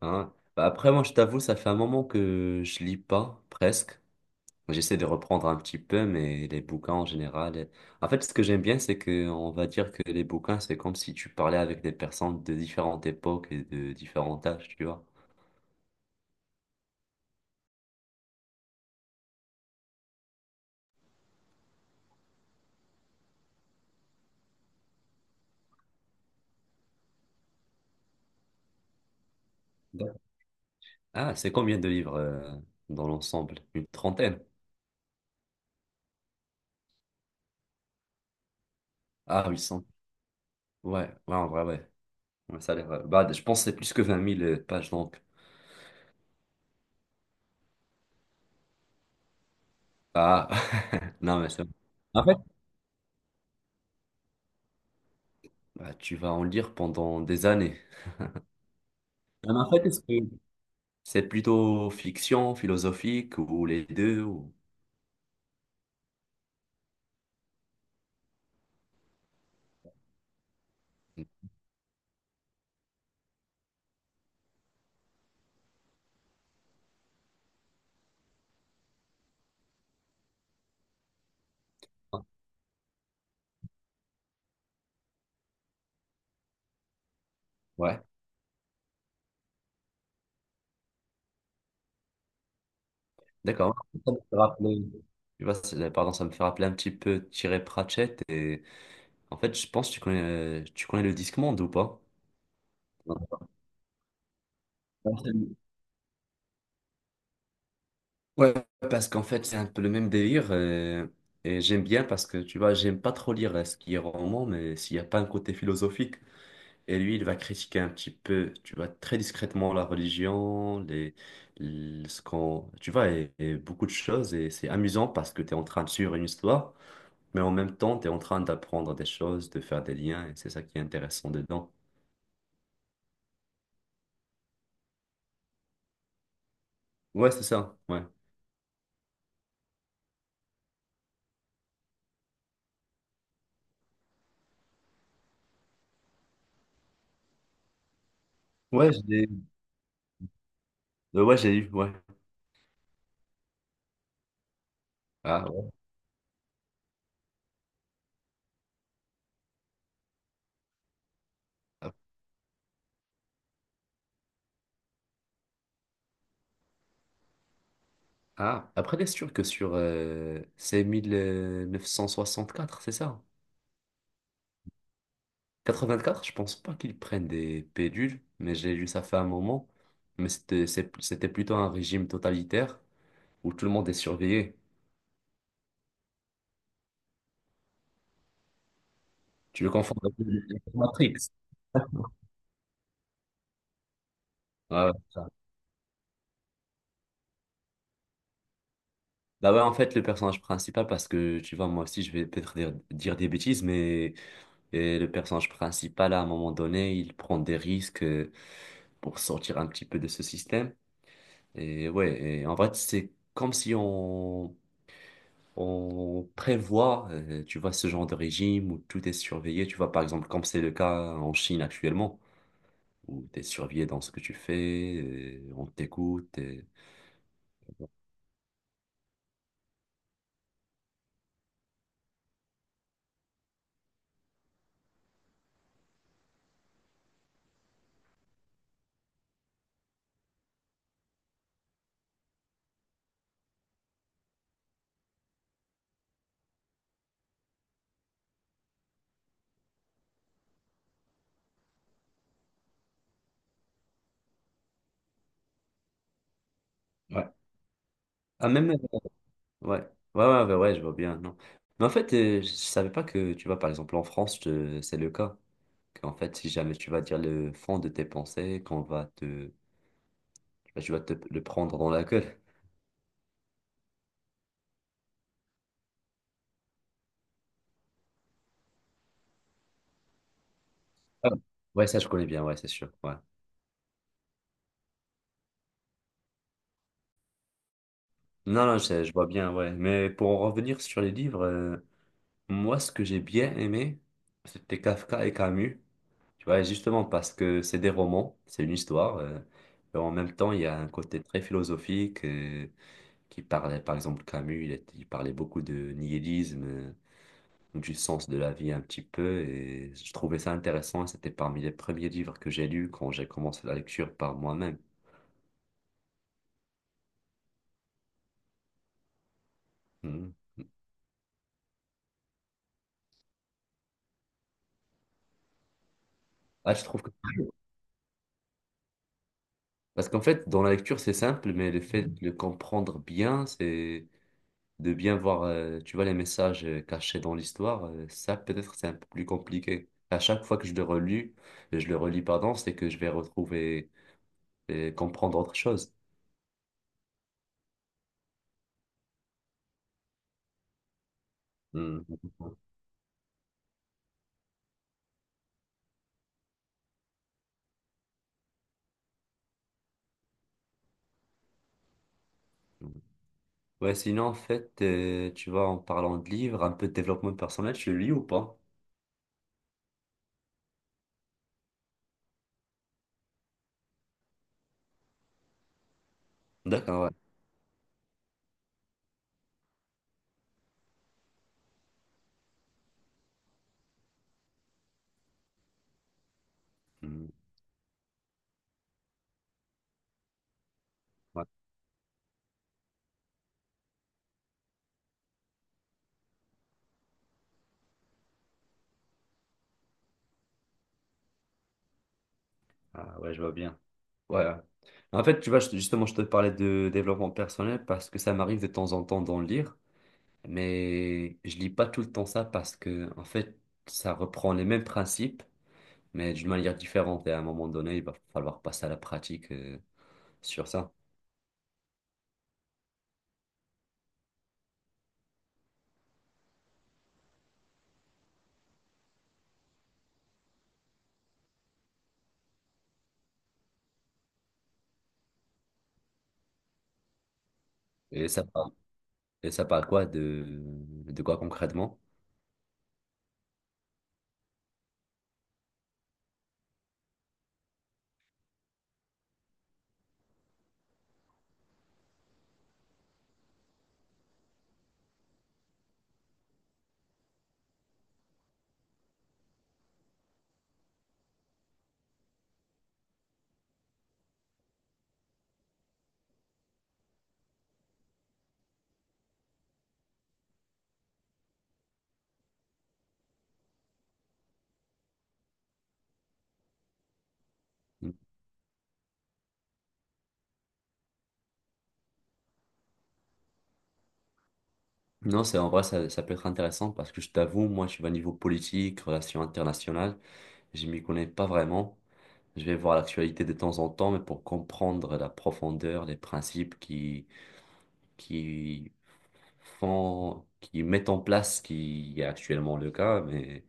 Hein. Bah après, moi, je t'avoue, ça fait un moment que je lis pas, presque. J'essaie de reprendre un petit peu, mais les bouquins en général. En fait, ce que j'aime bien, c'est que on va dire que les bouquins, c'est comme si tu parlais avec des personnes de différentes époques et de différents âges, tu vois. D'accord. Ah, c'est combien de livres dans l'ensemble? Une trentaine? Ah, 800. Ouais, ouais, en vrai, ouais. Ouais, ça a l'air, bah, je pense que c'est plus que 20 000 pages, donc. Ah, non, mais c'est bon. En fait, bah, tu vas en lire pendant des années. Ah, mais en fait, est-ce que... C'est plutôt fiction, philosophique ou les deux ou... Ouais, d'accord. Ça me fait rappeler- Tu vois, pardon, ça me fait rappeler un petit peu Thierry Pratchett. Et... En fait, je pense que tu connais le Discman ou pas? Non. Parce qu'en fait, c'est un peu le même délire. Et j'aime bien parce que, tu vois, j'aime pas trop lire ce qui est roman, mais s'il n'y a pas un côté philosophique. Et lui, il va critiquer un petit peu, tu vois, très discrètement la religion, ce qu'on, tu vois, et, beaucoup de choses. Et c'est amusant parce que tu es en train de suivre une histoire, mais en même temps, tu es en train d'apprendre des choses, de faire des liens, et c'est ça qui est intéressant dedans. Ouais, c'est ça, ouais. Ouais, j'ai ouais, j'ai eu, ouais. Ah, ouais. Ah, après, c'est sûr que sur... c'est quatre c'est ça? 84, je pense pas qu'ils prennent des pédules, mais j'ai lu ça fait un moment. Mais c'était plutôt un régime totalitaire où tout le monde est surveillé. Tu le confonds avec Matrix. Ouais, ouais, ça. Bah ouais, en fait, le personnage principal, parce que tu vois, moi aussi, je vais peut-être dire des bêtises, mais et le personnage principal, à un moment donné, il prend des risques pour sortir un petit peu de ce système. Et ouais, et en vrai, c'est comme si on prévoit, tu vois, ce genre de régime où tout est surveillé, tu vois, par exemple, comme c'est le cas en Chine actuellement, où tu es surveillé dans ce que tu fais, on t'écoute. Et... ouais. Ah, même, ouais, ouais, ouais, ouais, ouais, je vois bien, non. Mais en fait, je savais pas que, tu vois, par exemple, en France, c'est le cas. Qu'en fait, si jamais tu vas dire le fond de tes pensées, qu'on va te, bah, tu vas te le prendre dans la gueule. Ah, ouais, ça, je connais bien, ouais, c'est sûr, ouais. Non, non, je vois bien, ouais. Mais pour en revenir sur les livres, moi, ce que j'ai bien aimé, c'était Kafka et Camus. Tu vois, justement parce que c'est des romans, c'est une histoire. Et en même temps, il y a un côté très philosophique qui parlait, par exemple, Camus, il parlait beaucoup de nihilisme, du sens de la vie un petit peu. Et je trouvais ça intéressant. Et c'était parmi les premiers livres que j'ai lus quand j'ai commencé la lecture par moi-même. Mhm. Ah, je trouve que... Parce qu'en fait, dans la lecture, c'est simple, mais le fait de le comprendre bien, c'est de bien voir, tu vois, les messages cachés dans l'histoire, ça peut-être c'est un peu plus compliqué. À chaque fois que je le relis, pardon, c'est que je vais retrouver et comprendre autre chose. Hmm. Ouais, sinon, en fait, tu vois, en parlant de livres, un peu de développement personnel, tu le lis ou pas? D'accord, ouais. Hmm. Ouais, ah, ouais, je vois bien. Ouais, ouais. En fait, tu vois, justement, je te parlais de développement personnel parce que ça m'arrive de temps en temps d'en lire. Mais je lis pas tout le temps ça parce que, en fait, ça reprend les mêmes principes, mais d'une manière différente. Et à un moment donné, il va falloir passer à la pratique, sur ça. Et ça parle, et ça parle de quoi concrètement? Non, c'est en vrai, ça peut être intéressant parce que je t'avoue, moi, je suis à niveau politique, relations internationales, je m'y connais pas vraiment. Je vais voir l'actualité de temps en temps, mais pour comprendre la profondeur, les principes qui font, qui mettent en place ce qui est actuellement le cas, mais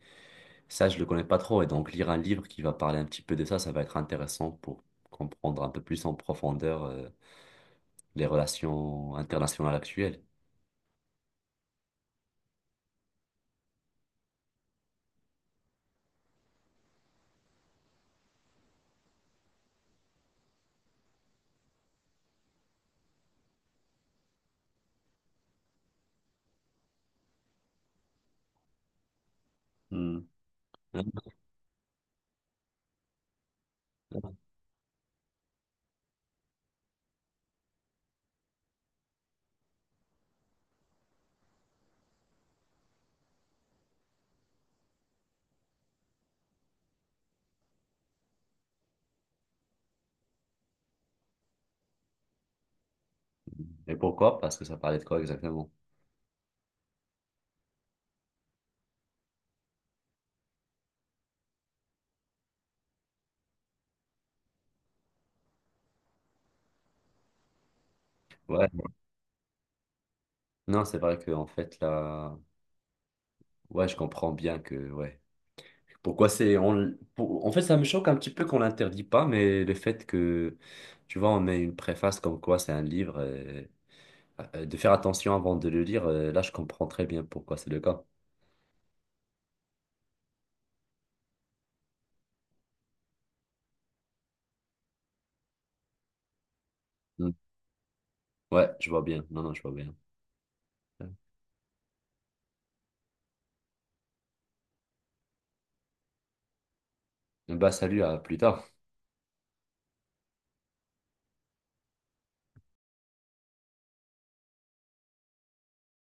ça, je le connais pas trop. Et donc, lire un livre qui va parler un petit peu de ça, ça va être intéressant pour comprendre un peu plus en profondeur les relations internationales actuelles. Hmm. Hein. Et pourquoi? Parce que ça parlait de quoi exactement? Ouais, non, c'est vrai que en fait, là, ouais, je comprends bien que, ouais. Pourquoi c'est. En fait, ça me choque un petit peu qu'on l'interdit pas, mais le fait que, tu vois, on met une préface comme quoi c'est un livre. De faire attention avant de le lire, là, je comprends très bien pourquoi c'est le cas. Mm. Ouais, je vois bien. Non, non, je vois bien. Ouais. Bah, salut, à plus tard.